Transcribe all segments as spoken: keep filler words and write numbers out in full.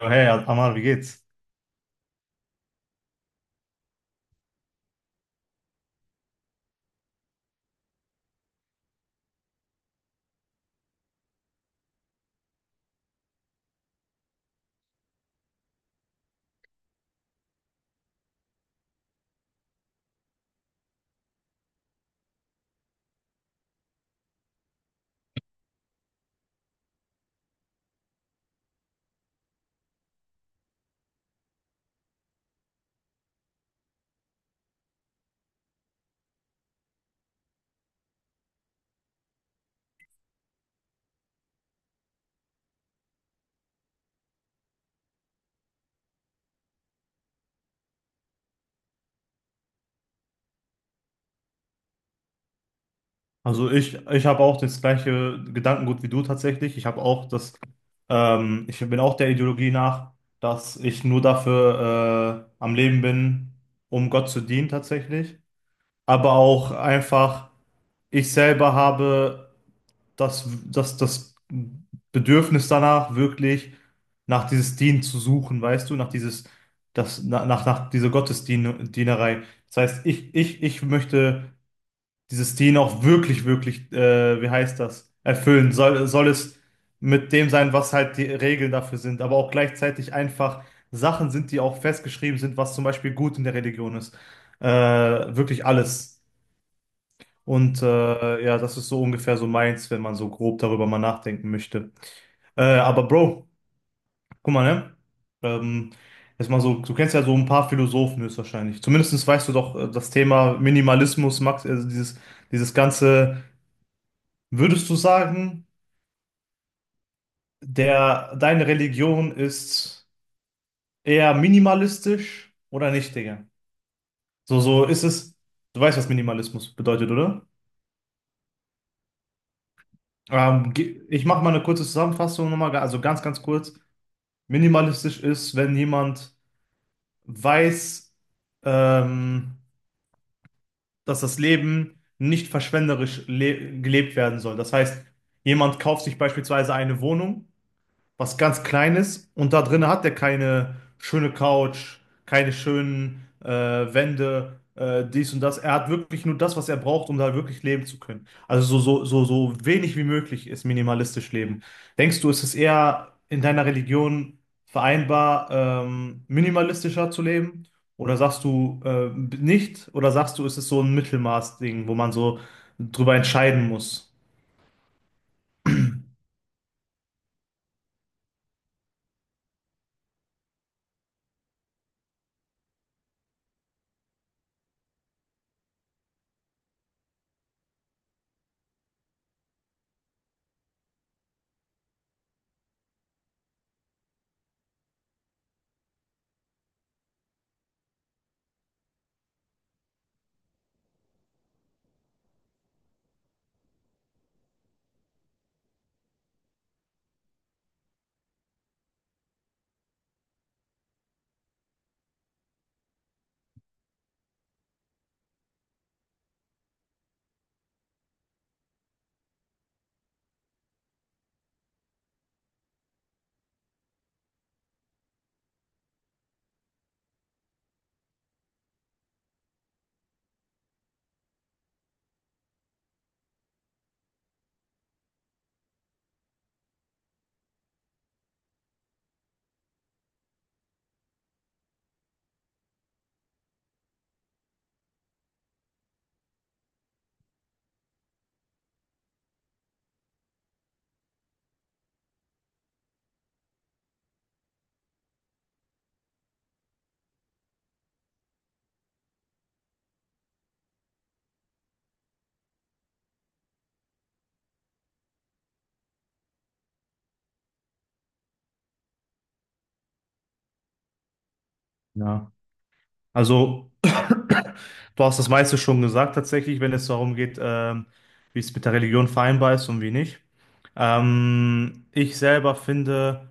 Ja, hey, Amar, wie geht's? Also ich, ich habe auch das gleiche Gedankengut wie du tatsächlich. Ich habe auch das, ähm, ich bin auch der Ideologie nach, dass ich nur dafür äh, am Leben bin, um Gott zu dienen tatsächlich. Aber auch einfach, ich selber habe das, das, das Bedürfnis danach, wirklich nach dieses Dienen zu suchen, weißt du, nach dieses, das, nach, nach, nach dieser Gottesdienerei. Das heißt, ich, ich, ich möchte dieses Ding auch wirklich, wirklich, äh, wie heißt das, erfüllen. Soll, soll es mit dem sein, was halt die Regeln dafür sind, aber auch gleichzeitig einfach Sachen sind, die auch festgeschrieben sind, was zum Beispiel gut in der Religion ist. Äh, Wirklich alles. Und äh, ja, das ist so ungefähr so meins, wenn man so grob darüber mal nachdenken möchte. Äh, aber Bro, guck mal, ne? Ähm, Jetzt mal so, du kennst ja so ein paar Philosophen höchstwahrscheinlich. Zumindest weißt du doch äh, das Thema Minimalismus, Max, also dieses, dieses ganze. Würdest du sagen, der, deine Religion ist eher minimalistisch oder nicht, Digga? So, so ist es. Du weißt, was Minimalismus bedeutet, oder? Ähm, ge- ich mache mal eine kurze Zusammenfassung nochmal, ga- also ganz, ganz kurz. Minimalistisch ist, wenn jemand weiß, ähm, dass das Leben nicht verschwenderisch le gelebt werden soll. Das heißt, jemand kauft sich beispielsweise eine Wohnung, was ganz Kleines, und da drin hat er keine schöne Couch, keine schönen äh, Wände, äh, dies und das. Er hat wirklich nur das, was er braucht, um da wirklich leben zu können. Also so, so, so, so wenig wie möglich ist minimalistisch leben. Denkst du, ist es eher in deiner Religion vereinbar, ähm, minimalistischer zu leben? Oder sagst du äh, nicht? Oder sagst du, ist es so ein Mittelmaß-Ding, wo man so drüber entscheiden muss? Ja. Also du hast das meiste schon gesagt, tatsächlich, wenn es darum geht, ähm, wie es mit der Religion vereinbar ist und wie nicht. Ähm, ich selber finde,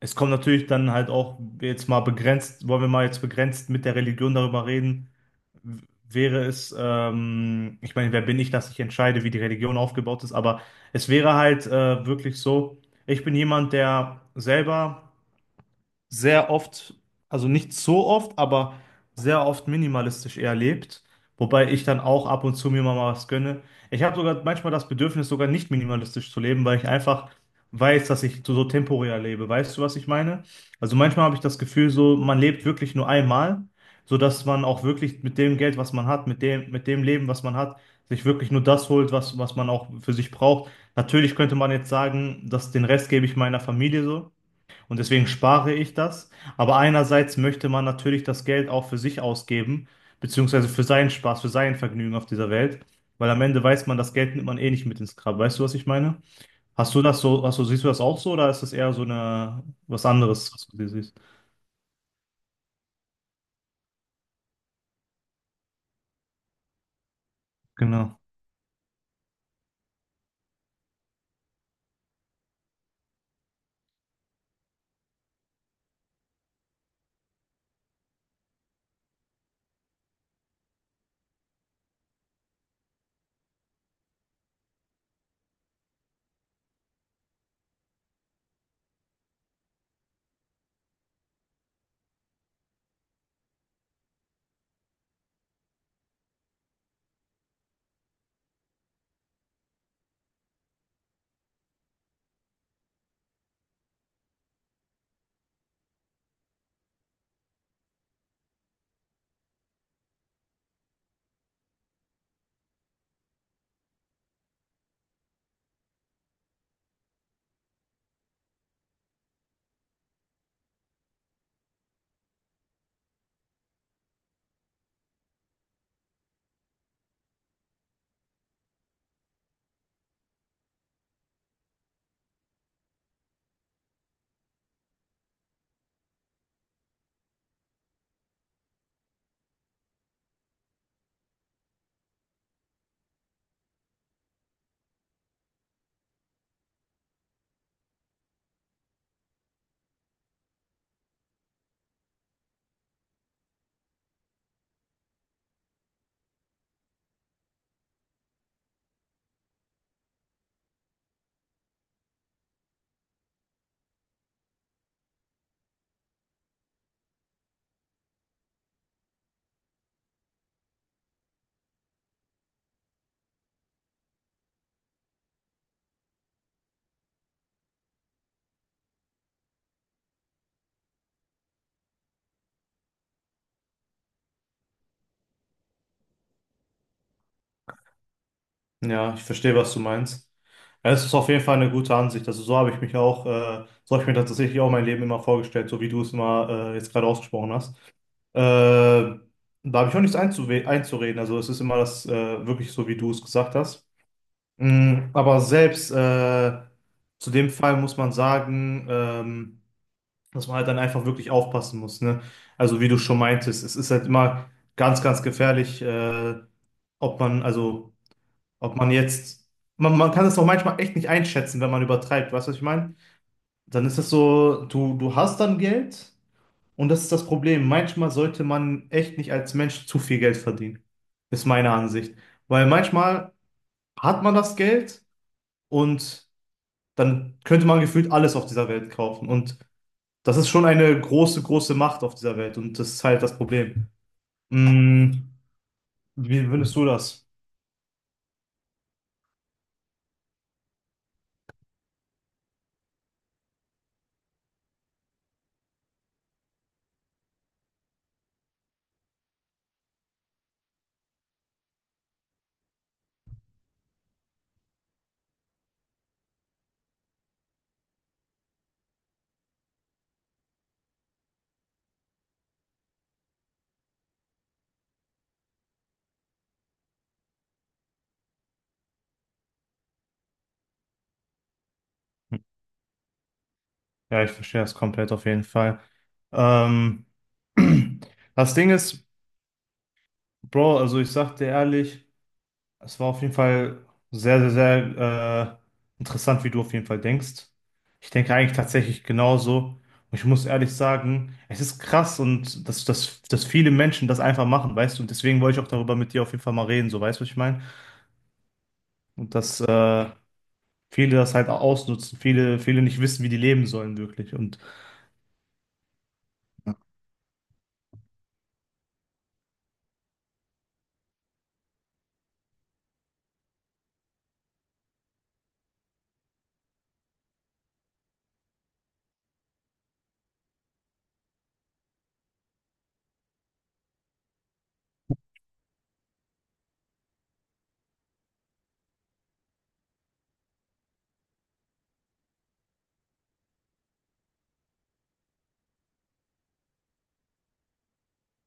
es kommt natürlich dann halt auch jetzt mal begrenzt, wollen wir mal jetzt begrenzt mit der Religion darüber reden, w- wäre es, ähm, ich meine, wer bin ich, dass ich entscheide, wie die Religion aufgebaut ist, aber es wäre halt äh, wirklich so, ich bin jemand, der selber sehr oft, also nicht so oft, aber sehr oft minimalistisch eher lebt. Wobei ich dann auch ab und zu mir mal was gönne. Ich habe sogar manchmal das Bedürfnis, sogar nicht minimalistisch zu leben, weil ich einfach weiß, dass ich so, so temporär lebe. Weißt du, was ich meine? Also manchmal habe ich das Gefühl, so man lebt wirklich nur einmal, sodass man auch wirklich mit dem Geld, was man hat, mit dem, mit dem Leben, was man hat, sich wirklich nur das holt, was, was man auch für sich braucht. Natürlich könnte man jetzt sagen, dass den Rest gebe ich meiner Familie so. Und deswegen spare ich das. Aber einerseits möchte man natürlich das Geld auch für sich ausgeben, beziehungsweise für seinen Spaß, für sein Vergnügen auf dieser Welt. Weil am Ende weiß man, das Geld nimmt man eh nicht mit ins Grab. Weißt du, was ich meine? Hast du das so, hast du, siehst du das auch so, oder ist das eher so eine, was anderes, was du siehst? Genau. Ja, ich verstehe, was du meinst. Ja, es ist auf jeden Fall eine gute Ansicht. Also so habe ich mich auch, äh, so habe ich mir tatsächlich auch mein Leben immer vorgestellt, so wie du es immer äh, jetzt gerade ausgesprochen hast. Äh, Da habe ich auch nichts einzuwe- einzureden. Also es ist immer das äh, wirklich so, wie du es gesagt hast. Mm, aber selbst äh, zu dem Fall muss man sagen, ähm, dass man halt dann einfach wirklich aufpassen muss. Ne? Also wie du schon meintest, es ist halt immer ganz, ganz gefährlich, äh, ob man, also ob man jetzt, man, man kann es auch manchmal echt nicht einschätzen, wenn man übertreibt, weißt du, was ich meine? Dann ist es so, du, du hast dann Geld und das ist das Problem. Manchmal sollte man echt nicht als Mensch zu viel Geld verdienen, ist meine Ansicht. Weil manchmal hat man das Geld und dann könnte man gefühlt alles auf dieser Welt kaufen. Und das ist schon eine große, große Macht auf dieser Welt und das ist halt das Problem. Mm, wie findest du das? Ja, ich verstehe das komplett auf jeden Fall. Ähm, Das Ding ist, Bro, also ich sag dir ehrlich, es war auf jeden Fall sehr, sehr, sehr äh, interessant, wie du auf jeden Fall denkst. Ich denke eigentlich tatsächlich genauso. Und ich muss ehrlich sagen, es ist krass und dass, dass, dass viele Menschen das einfach machen, weißt du? Und deswegen wollte ich auch darüber mit dir auf jeden Fall mal reden, so, weißt du, was ich meine? Und dass äh, viele das halt ausnutzen, viele, viele nicht wissen, wie die leben sollen, wirklich. Und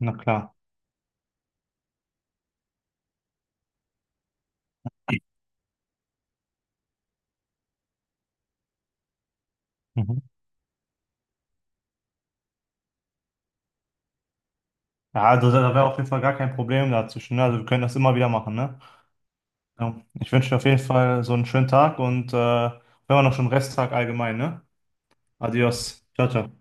na klar. Mhm. Ja, also da wäre auf jeden Fall gar kein Problem dazwischen, ne? Also wir können das immer wieder machen, ne? Ja. Ich wünsche dir auf jeden Fall so einen schönen Tag und äh, wenn wir noch schon Resttag allgemein, ne? Adios. Ciao, ciao.